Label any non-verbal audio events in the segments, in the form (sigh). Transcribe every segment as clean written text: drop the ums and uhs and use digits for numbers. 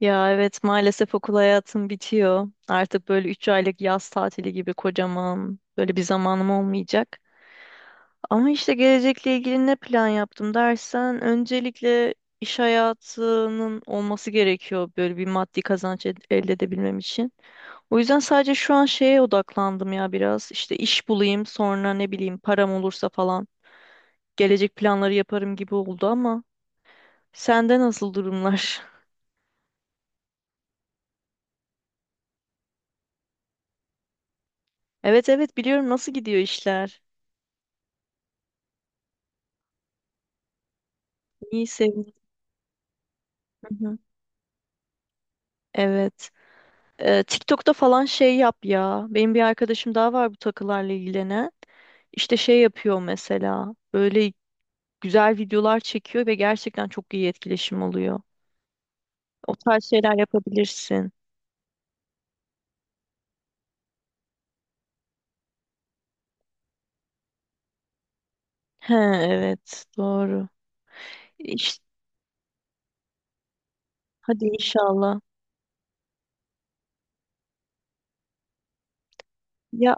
Ya evet, maalesef okul hayatım bitiyor. Artık böyle 3 aylık yaz tatili gibi kocaman böyle bir zamanım olmayacak. Ama işte gelecekle ilgili ne plan yaptım dersen öncelikle iş hayatının olması gerekiyor böyle bir maddi kazanç elde edebilmem için. O yüzden sadece şu an şeye odaklandım ya biraz. İşte iş bulayım, sonra ne bileyim param olursa falan gelecek planları yaparım gibi oldu ama sende nasıl durumlar? (laughs) Evet, biliyorum, nasıl gidiyor işler? İyi, sevdim. Hı hı. Evet. TikTok'ta falan şey yap ya. Benim bir arkadaşım daha var bu takılarla ilgilenen. İşte şey yapıyor mesela. Böyle güzel videolar çekiyor ve gerçekten çok iyi etkileşim oluyor. O tarz şeyler yapabilirsin. He evet, doğru. İş, hadi inşallah. Ya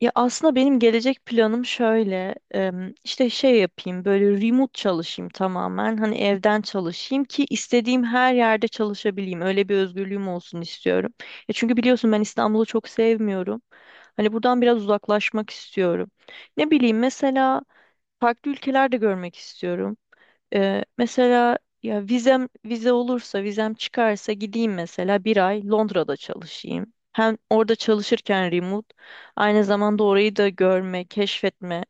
Ya aslında benim gelecek planım şöyle, işte şey yapayım, böyle remote çalışayım, tamamen hani evden çalışayım ki istediğim her yerde çalışabileyim, öyle bir özgürlüğüm olsun istiyorum. Ya çünkü biliyorsun, ben İstanbul'u çok sevmiyorum. Hani buradan biraz uzaklaşmak istiyorum. Ne bileyim, mesela farklı ülkelerde görmek istiyorum. Mesela ya vize olursa, vizem çıkarsa gideyim, mesela bir ay Londra'da çalışayım. Hem orada çalışırken remote aynı zamanda orayı da görme, keşfetme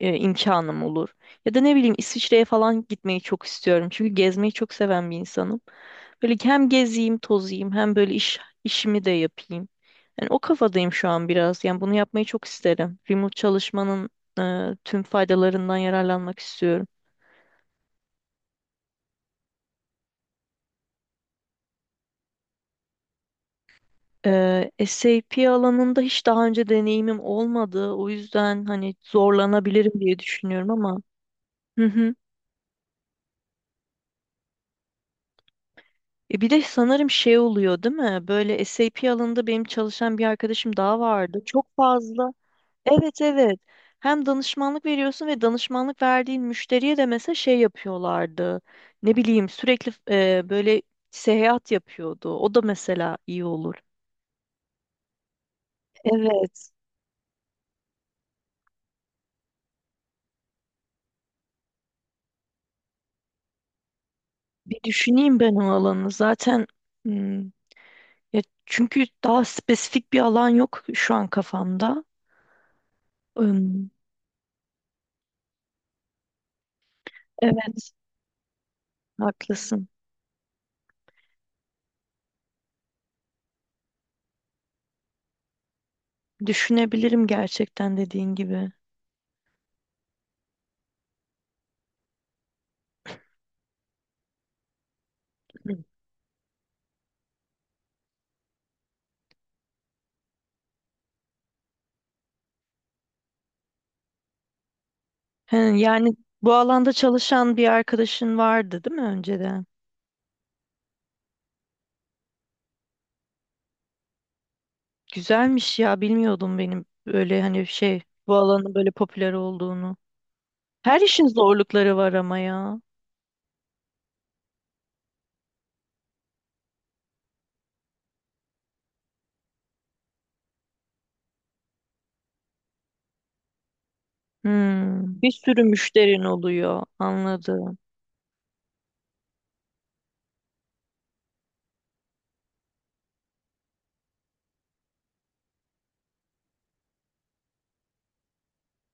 imkanım olur. Ya da ne bileyim, İsviçre'ye falan gitmeyi çok istiyorum. Çünkü gezmeyi çok seven bir insanım. Böyle hem gezeyim, tozayım, hem böyle işimi de yapayım. Yani o kafadayım şu an biraz. Yani bunu yapmayı çok isterim. Remote çalışmanın tüm faydalarından yararlanmak istiyorum. SAP alanında hiç daha önce deneyimim olmadı. O yüzden hani zorlanabilirim diye düşünüyorum ama. Hı hı. E bir de sanırım şey oluyor değil mi? Böyle SAP alanında benim çalışan bir arkadaşım daha vardı. Çok fazla. Evet. Hem danışmanlık veriyorsun ve danışmanlık verdiğin müşteriye de mesela şey yapıyorlardı. Ne bileyim sürekli böyle seyahat yapıyordu. O da mesela iyi olur. Evet. Bir düşüneyim ben o alanı. Zaten hmm, ya çünkü daha spesifik bir alan yok şu an kafamda. Im, Evet, haklısın. Düşünebilirim gerçekten dediğin gibi. Hı. He, yani bu alanda çalışan bir arkadaşın vardı, değil mi önceden? Güzelmiş ya, bilmiyordum benim böyle hani şey bu alanın böyle popüler olduğunu. Her işin zorlukları var ama ya. Hmm, bir sürü müşterin oluyor, anladım.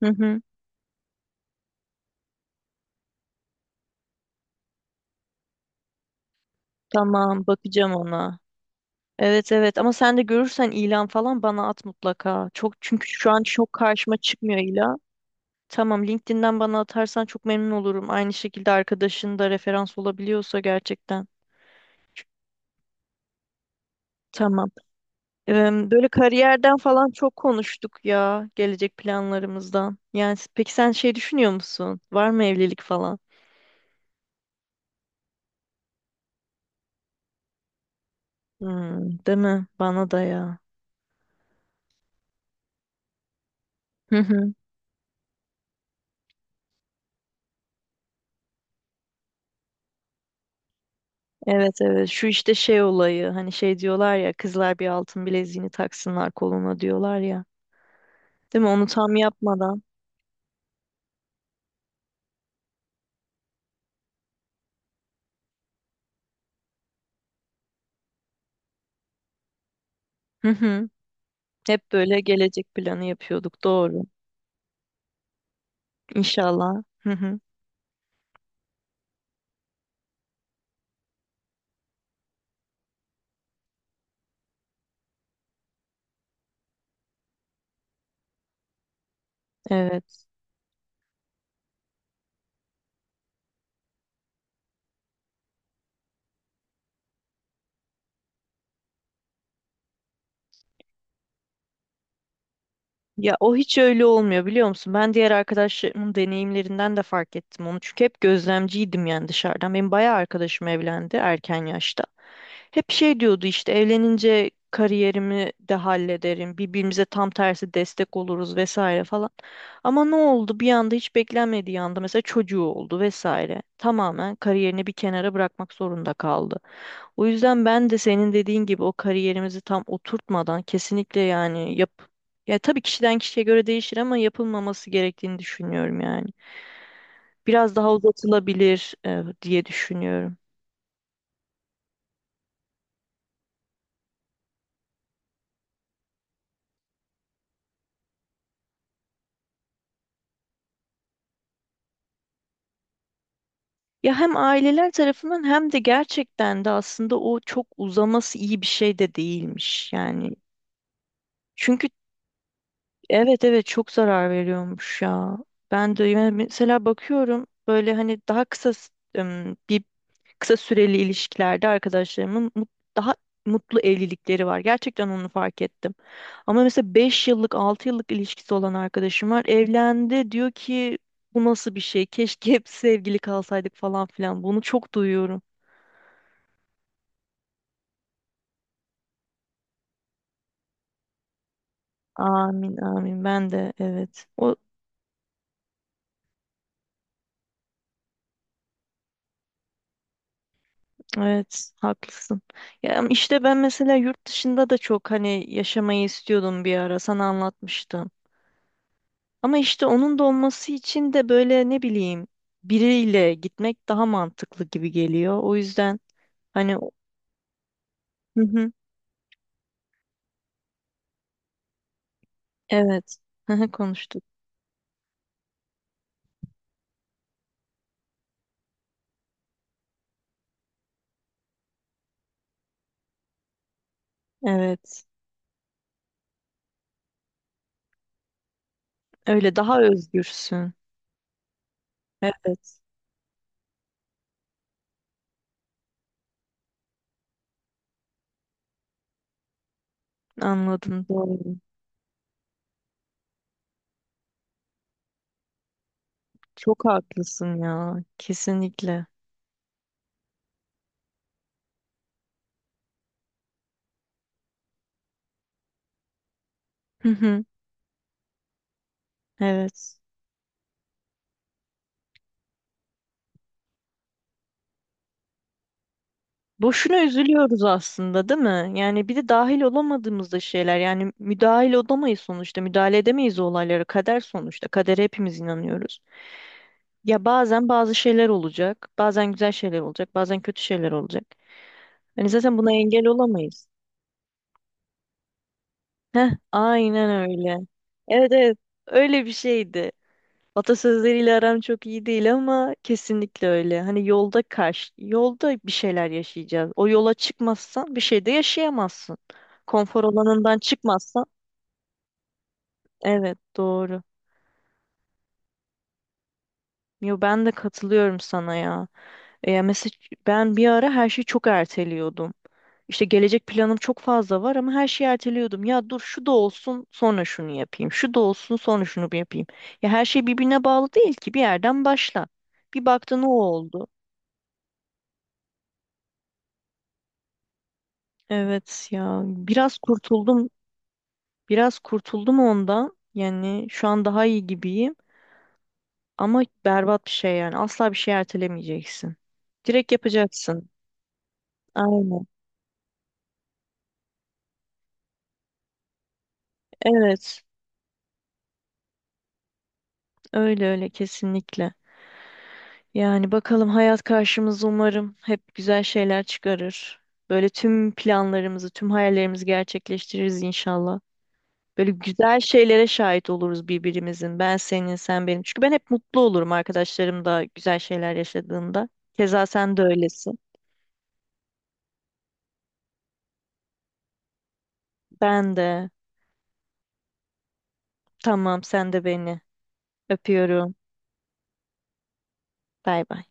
Hı hı, tamam, bakacağım ona. Evet, ama sen de görürsen ilan falan bana at mutlaka. Çok, çünkü şu an çok karşıma çıkmıyor ilan. Tamam, LinkedIn'den bana atarsan çok memnun olurum. Aynı şekilde arkadaşın da referans olabiliyorsa gerçekten. Tamam. Böyle kariyerden falan çok konuştuk ya, gelecek planlarımızdan. Yani peki sen şey düşünüyor musun? Var mı evlilik falan? Hmm, değil mi? Bana da ya. Hı hı. Evet, şu işte şey olayı, hani şey diyorlar ya, kızlar bir altın bileziğini taksınlar koluna diyorlar ya. Değil mi? Onu tam yapmadan. Hı hı. Hep böyle gelecek planı yapıyorduk. Doğru. İnşallah. Hı hı. Evet. Ya o hiç öyle olmuyor biliyor musun? Ben diğer arkadaşlarımın deneyimlerinden de fark ettim onu. Çünkü hep gözlemciydim yani dışarıdan. Benim bayağı arkadaşım evlendi erken yaşta. Hep şey diyordu, işte evlenince kariyerimi de hallederim, birbirimize tam tersi destek oluruz vesaire falan. Ama ne oldu? Bir anda, hiç beklenmediği anda mesela çocuğu oldu vesaire. Tamamen kariyerini bir kenara bırakmak zorunda kaldı. O yüzden ben de senin dediğin gibi, o kariyerimizi tam oturtmadan kesinlikle yani ya tabii kişiden kişiye göre değişir ama yapılmaması gerektiğini düşünüyorum yani. Biraz daha uzatılabilir diye düşünüyorum. Ya hem aileler tarafından hem de gerçekten de aslında o çok uzaması iyi bir şey de değilmiş yani. Çünkü evet, çok zarar veriyormuş ya. Ben de yani mesela bakıyorum, böyle hani daha bir kısa süreli ilişkilerde arkadaşlarımın daha mutlu evlilikleri var. Gerçekten onu fark ettim. Ama mesela 5 yıllık, 6 yıllık ilişkisi olan arkadaşım var. Evlendi, diyor ki bu nasıl bir şey? Keşke hep sevgili kalsaydık falan filan. Bunu çok duyuyorum. Amin amin, ben de evet. O evet, haklısın. Ya işte ben mesela yurt dışında da çok hani yaşamayı istiyordum, bir ara sana anlatmıştım. Ama işte onun da olması için de böyle ne bileyim biriyle gitmek daha mantıklı gibi geliyor. O yüzden hani hı hı, evet. Hı hı, konuştuk. Evet. Öyle daha özgürsün. Evet. Anladım, doğru. Çok haklısın ya. Kesinlikle. Hı hı, evet. Boşuna üzülüyoruz aslında, değil mi? Yani bir de dahil olamadığımız da şeyler. Yani müdahil olamayız sonuçta. Müdahale edemeyiz o olaylara. Kader sonuçta. Kadere hepimiz inanıyoruz. Ya bazen bazı şeyler olacak, bazen güzel şeyler olacak, bazen kötü şeyler olacak. Hani zaten buna engel olamayız. Heh, aynen öyle. Evet, öyle bir şeydi. Atasözleriyle aram çok iyi değil ama kesinlikle öyle. Hani yolda bir şeyler yaşayacağız. O yola çıkmazsan bir şey de yaşayamazsın. Konfor alanından çıkmazsan. Evet, doğru. Yo, ben de katılıyorum sana ya. Mesela ben bir ara her şeyi çok erteliyordum. İşte gelecek planım çok fazla var ama her şeyi erteliyordum. Ya dur şu da olsun sonra şunu yapayım. Şu da olsun sonra şunu bir yapayım. Ya her şey birbirine bağlı değil ki, bir yerden başla. Bir baktın o oldu. Evet ya, biraz kurtuldum. Biraz kurtuldum ondan. Yani şu an daha iyi gibiyim. Ama berbat bir şey yani. Asla bir şey ertelemeyeceksin. Direkt yapacaksın. Aynen. Evet. Öyle öyle, kesinlikle. Yani bakalım, hayat karşımıza umarım hep güzel şeyler çıkarır. Böyle tüm planlarımızı, tüm hayallerimizi gerçekleştiririz inşallah. Böyle güzel şeylere şahit oluruz birbirimizin. Ben senin, sen benim. Çünkü ben hep mutlu olurum arkadaşlarım da güzel şeyler yaşadığında. Keza sen de öylesin. Ben de. Tamam, sen de beni. Öpüyorum. Bay bay.